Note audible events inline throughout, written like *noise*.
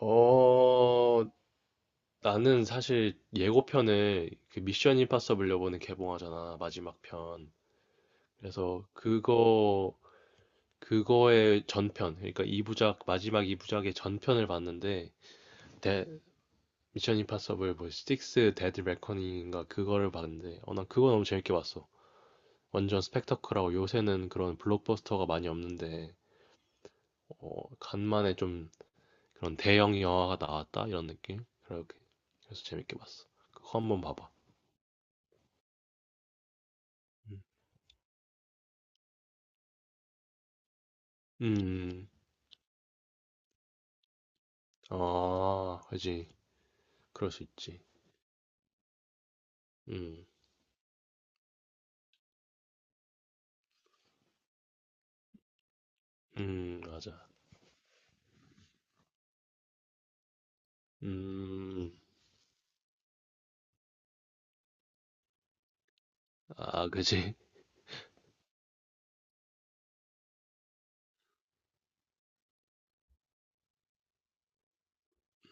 어, 나는 사실 예고편을 그 미션 임파서블 요번에 개봉하잖아, 마지막 편. 그래서 그거의 전편, 그러니까 2부작, 마지막 2부작의 전편을 봤는데, 데, 미션 임파서블 뭐, 스틱스 데드 레커닝인가 그거를 봤는데, 난 그거 너무 재밌게 봤어. 완전 스펙터클하고 요새는 그런 블록버스터가 많이 없는데, 간만에 좀 그런 대형 영화가 나왔다? 이런 느낌? 그렇게. 그래서 재밌게 봤어. 그거 한번 봐봐. 음. 음, 아, 그지. 그럴 수 있지. 음. 음, 맞아. 음. 아, 그지.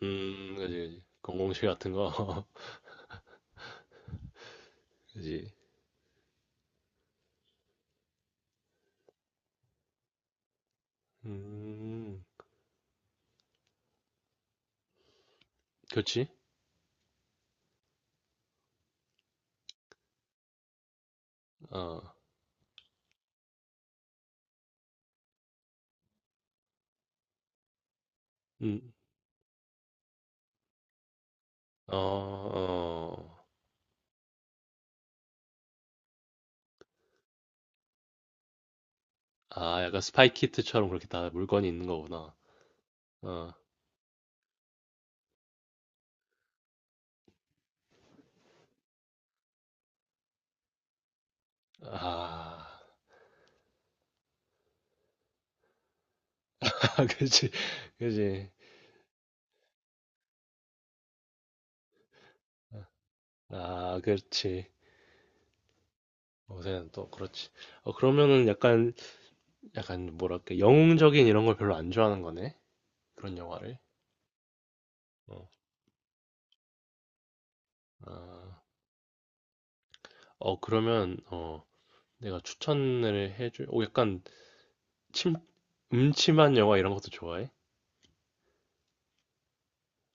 음, 그지, 그지. 공공칠 같은 거. *laughs* 그지. 음. 그렇지. 어. 음. 어, 어. 아, 약간 스파이 키트처럼 그렇게 다 물건이 있는 거구나. 어. 아. *laughs* 그지. 그지. 아, 그렇지. 요새는 또 그렇지. 그러면은 약간 뭐랄까 영웅적인 이런 걸 별로 안 좋아하는 거네. 그런 영화를. 어, 아, 그러면 내가 추천을 해줄. 오, 약간 침 음침한 영화 이런 것도 좋아해?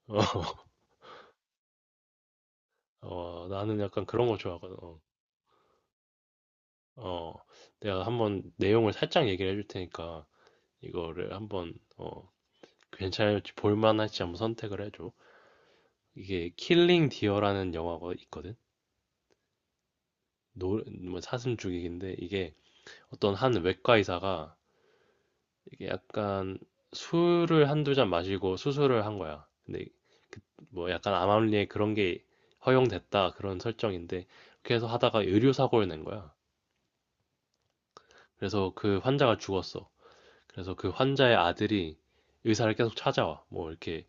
어, *laughs* 나는 약간 그런 거 좋아하거든. 어, 내가 한번 내용을 살짝 얘기를 해줄 테니까 이거를 한번 괜찮을지 볼만할지 한번 선택을 해줘. 이게 킬링 디어라는 영화가 있거든. 노, 뭐 사슴 죽이기인데 이게 어떤 한 외과 의사가 이게 약간 술을 한두 잔 마시고 수술을 한 거야. 근데 그- 뭐 약간 암암리에 그런 게 허용됐다 그런 설정인데 그렇게 해서 하다가 의료 사고를 낸 거야. 그래서 그 환자가 죽었어. 그래서 그 환자의 아들이 의사를 계속 찾아와. 뭐 이렇게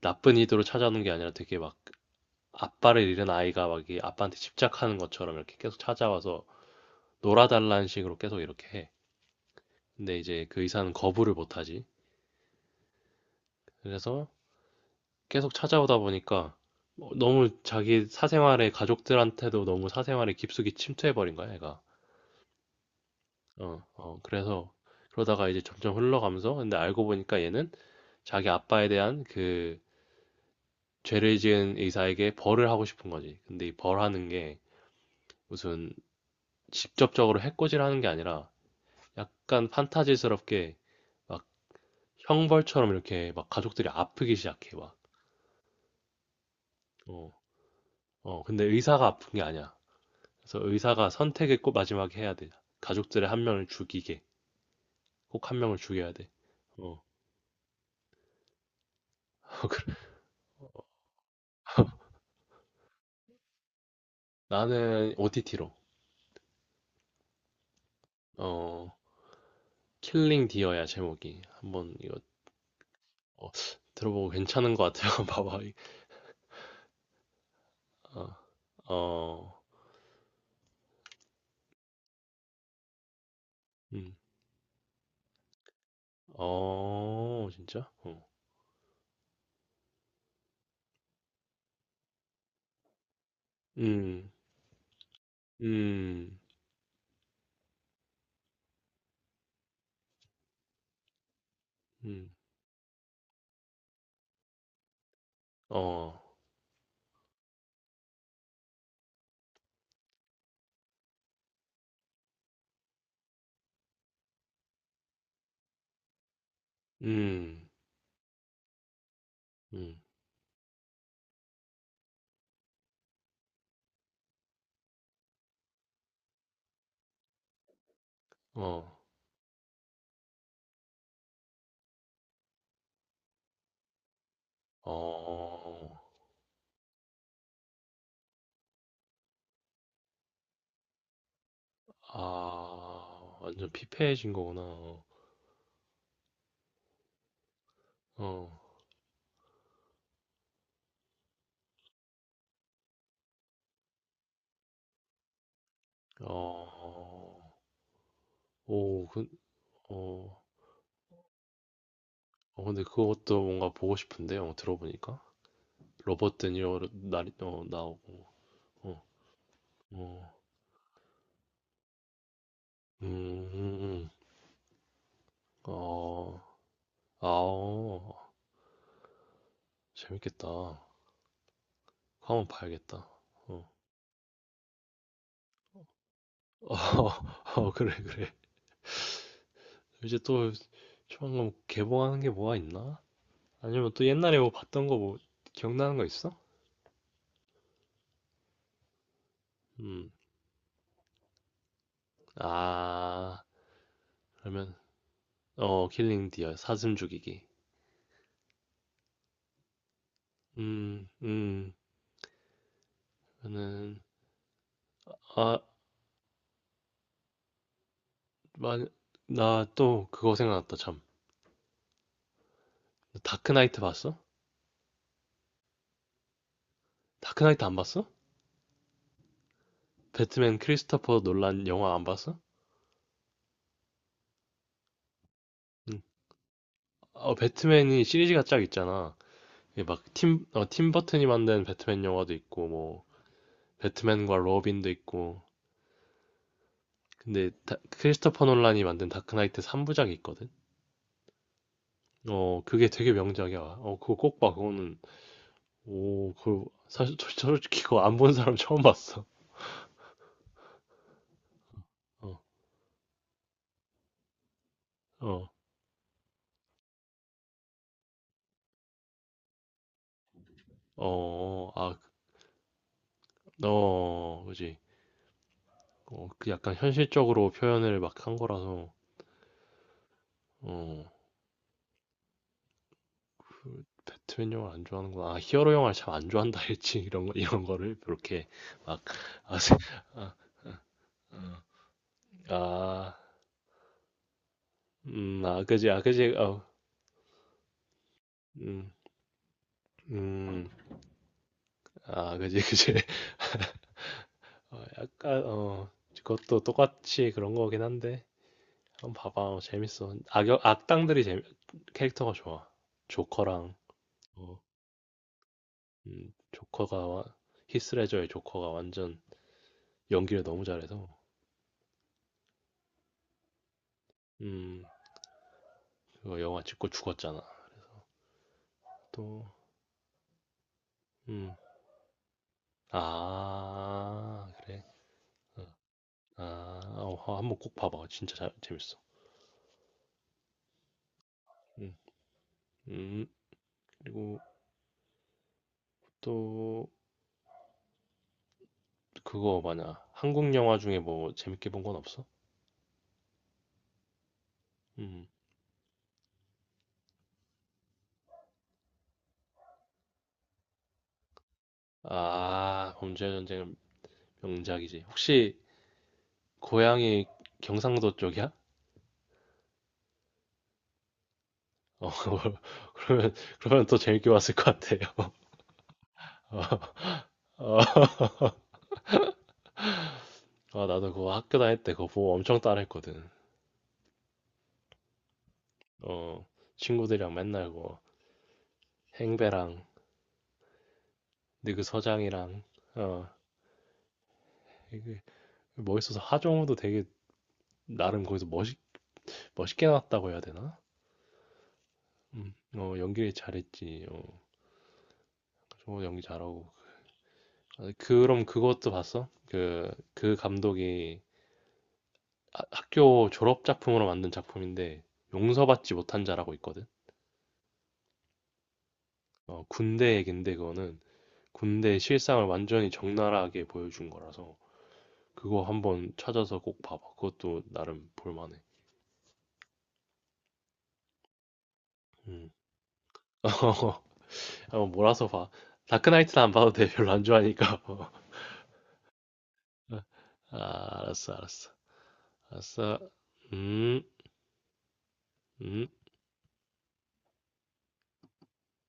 나쁜 의도로 찾아오는 게 아니라 되게 막 아빠를 잃은 아이가 막 이게 아빠한테 집착하는 것처럼 이렇게 계속 찾아와서 놀아달라는 식으로 계속 이렇게 해. 근데 이제 그 의사는 거부를 못하지. 그래서 계속 찾아오다 보니까 너무 자기 사생활에 가족들한테도 너무 사생활에 깊숙이 침투해버린 거야, 얘가. 그래서 그러다가 이제 점점 흘러가면서 근데 알고 보니까 얘는 자기 아빠에 대한 그 죄를 지은 의사에게 벌을 하고 싶은 거지. 근데 이 벌하는 게 무슨 직접적으로 해코지를 하는 게 아니라 약간 판타지스럽게 막 형벌처럼 이렇게 막 가족들이 아프기 시작해 막. 어, 근데 의사가 아픈 게 아니야. 그래서 의사가 선택을 꼭 마지막에 해야 돼. 가족들의 한 명을 죽이게. 꼭 한 명을 죽여야 돼. 어. *laughs* 나는 OTT로. 어. 킬링 디어야 제목이. 한번 이거 어, 들어보고 괜찮은 것 같아요. *laughs* 봐봐. 어. 어. 음. 어. 진짜? 어. 음. 음. 음. 어. 음. 음. 어. 어. 아. 완전 피폐해진 거구나. 어. 어. 어. 오, 어, 근데 그것도 뭔가 보고 싶은데요. 들어보니까 로버트 드니로 나오고, 어, 어, 음, 음, 음. 어, 아오, 재밌겠다. 그거 한번 봐야겠다. 어, *laughs* 어, 그래, 그래. 이제 또 조만간 개봉하는 게 뭐가 있나? 아니면 또 옛날에 뭐 봤던 거 뭐 기억나는 거 있어? 음, 아, 그러면 킬링 디어 사슴 죽이기. 음, 음, 저는 아, 만, 나 또 그거 생각났다, 참. 다크나이트 봤어? 다크나이트 안 봤어? 배트맨 크리스토퍼 놀란 영화 안 봤어? 응. 배트맨이 시리즈가 쫙 있잖아. 이게 막 팀 버튼이 만든 배트맨 영화도 있고, 뭐, 배트맨과 로빈도 있고. 근데 크리스토퍼 놀란이 만든 다크나이트 3부작이 있거든? 그게 되게 명작이야. 그거 꼭 봐. 그거는, 오, 그 사실 솔직히 그거 안 본 사람 처음 봤어. 어, 어, 어, 어, 아, 어, 그지. 그 약간 현실적으로 표현을 막 한 거라서, 어, 그 배트맨 영화를 안 좋아하는구나. 아, 히어로 영화를 참 안 좋아한다 *laughs* 했지. 이런 거를, 그렇게, 막, 아, 아, 아, 아, 그지, 아, 그지, 어, 음, 음, 아, 그지, 그지. *laughs* 약간, 그것도 똑같이 그런 거긴 한데, 한번 봐봐. 재밌어. 악역, 악당들이 캐릭터가 좋아. 조커랑, 어, 조커가, 와- 히스레저의 조커가 완전, 연기를 너무 잘해서 음 그거 영화 찍고 죽었잖아. 또음아 그래. 어. 아, 한번 꼭 봐봐, 진짜 재밌어. 음, 음 그리고 또 그거 뭐냐 한국 영화 중에 뭐 재밌게 본 건 없어? 음아 범죄의 전쟁은 명작이지. 혹시 고향이 경상도 쪽이야? 어, *laughs* 그러면 그러면 더 재밌게 봤을 것 같아요. *laughs* 어, 어, 아, 나도 그거 학교 다닐 때 그거 보고 엄청 따라했거든. 어, 친구들이랑 맨날 뭐 행배랑 근데 그 서장이랑 어, 게 멋있어서 하정우도 되게 나름 거기서 멋있게 나왔다고 해야 되나? 연기 잘했지. 정우 연기 잘하고. 아, 그럼 그것도 봤어? 그 감독이 학교 졸업 작품으로 만든 작품인데 용서받지 못한 자라고 있거든. 군대 얘긴데 그거는 군대 실상을 완전히 적나라하게 보여준 거라서 그거 한번 찾아서 꼭 봐봐. 그것도 나름 볼만해. 음. *laughs* 어. 한 몰아서 봐. 다크나이트는 안 봐도 돼. *laughs* 별로 안 좋아하니까. *laughs* 아, 알았어, 알았어. 알았어. 음, 음.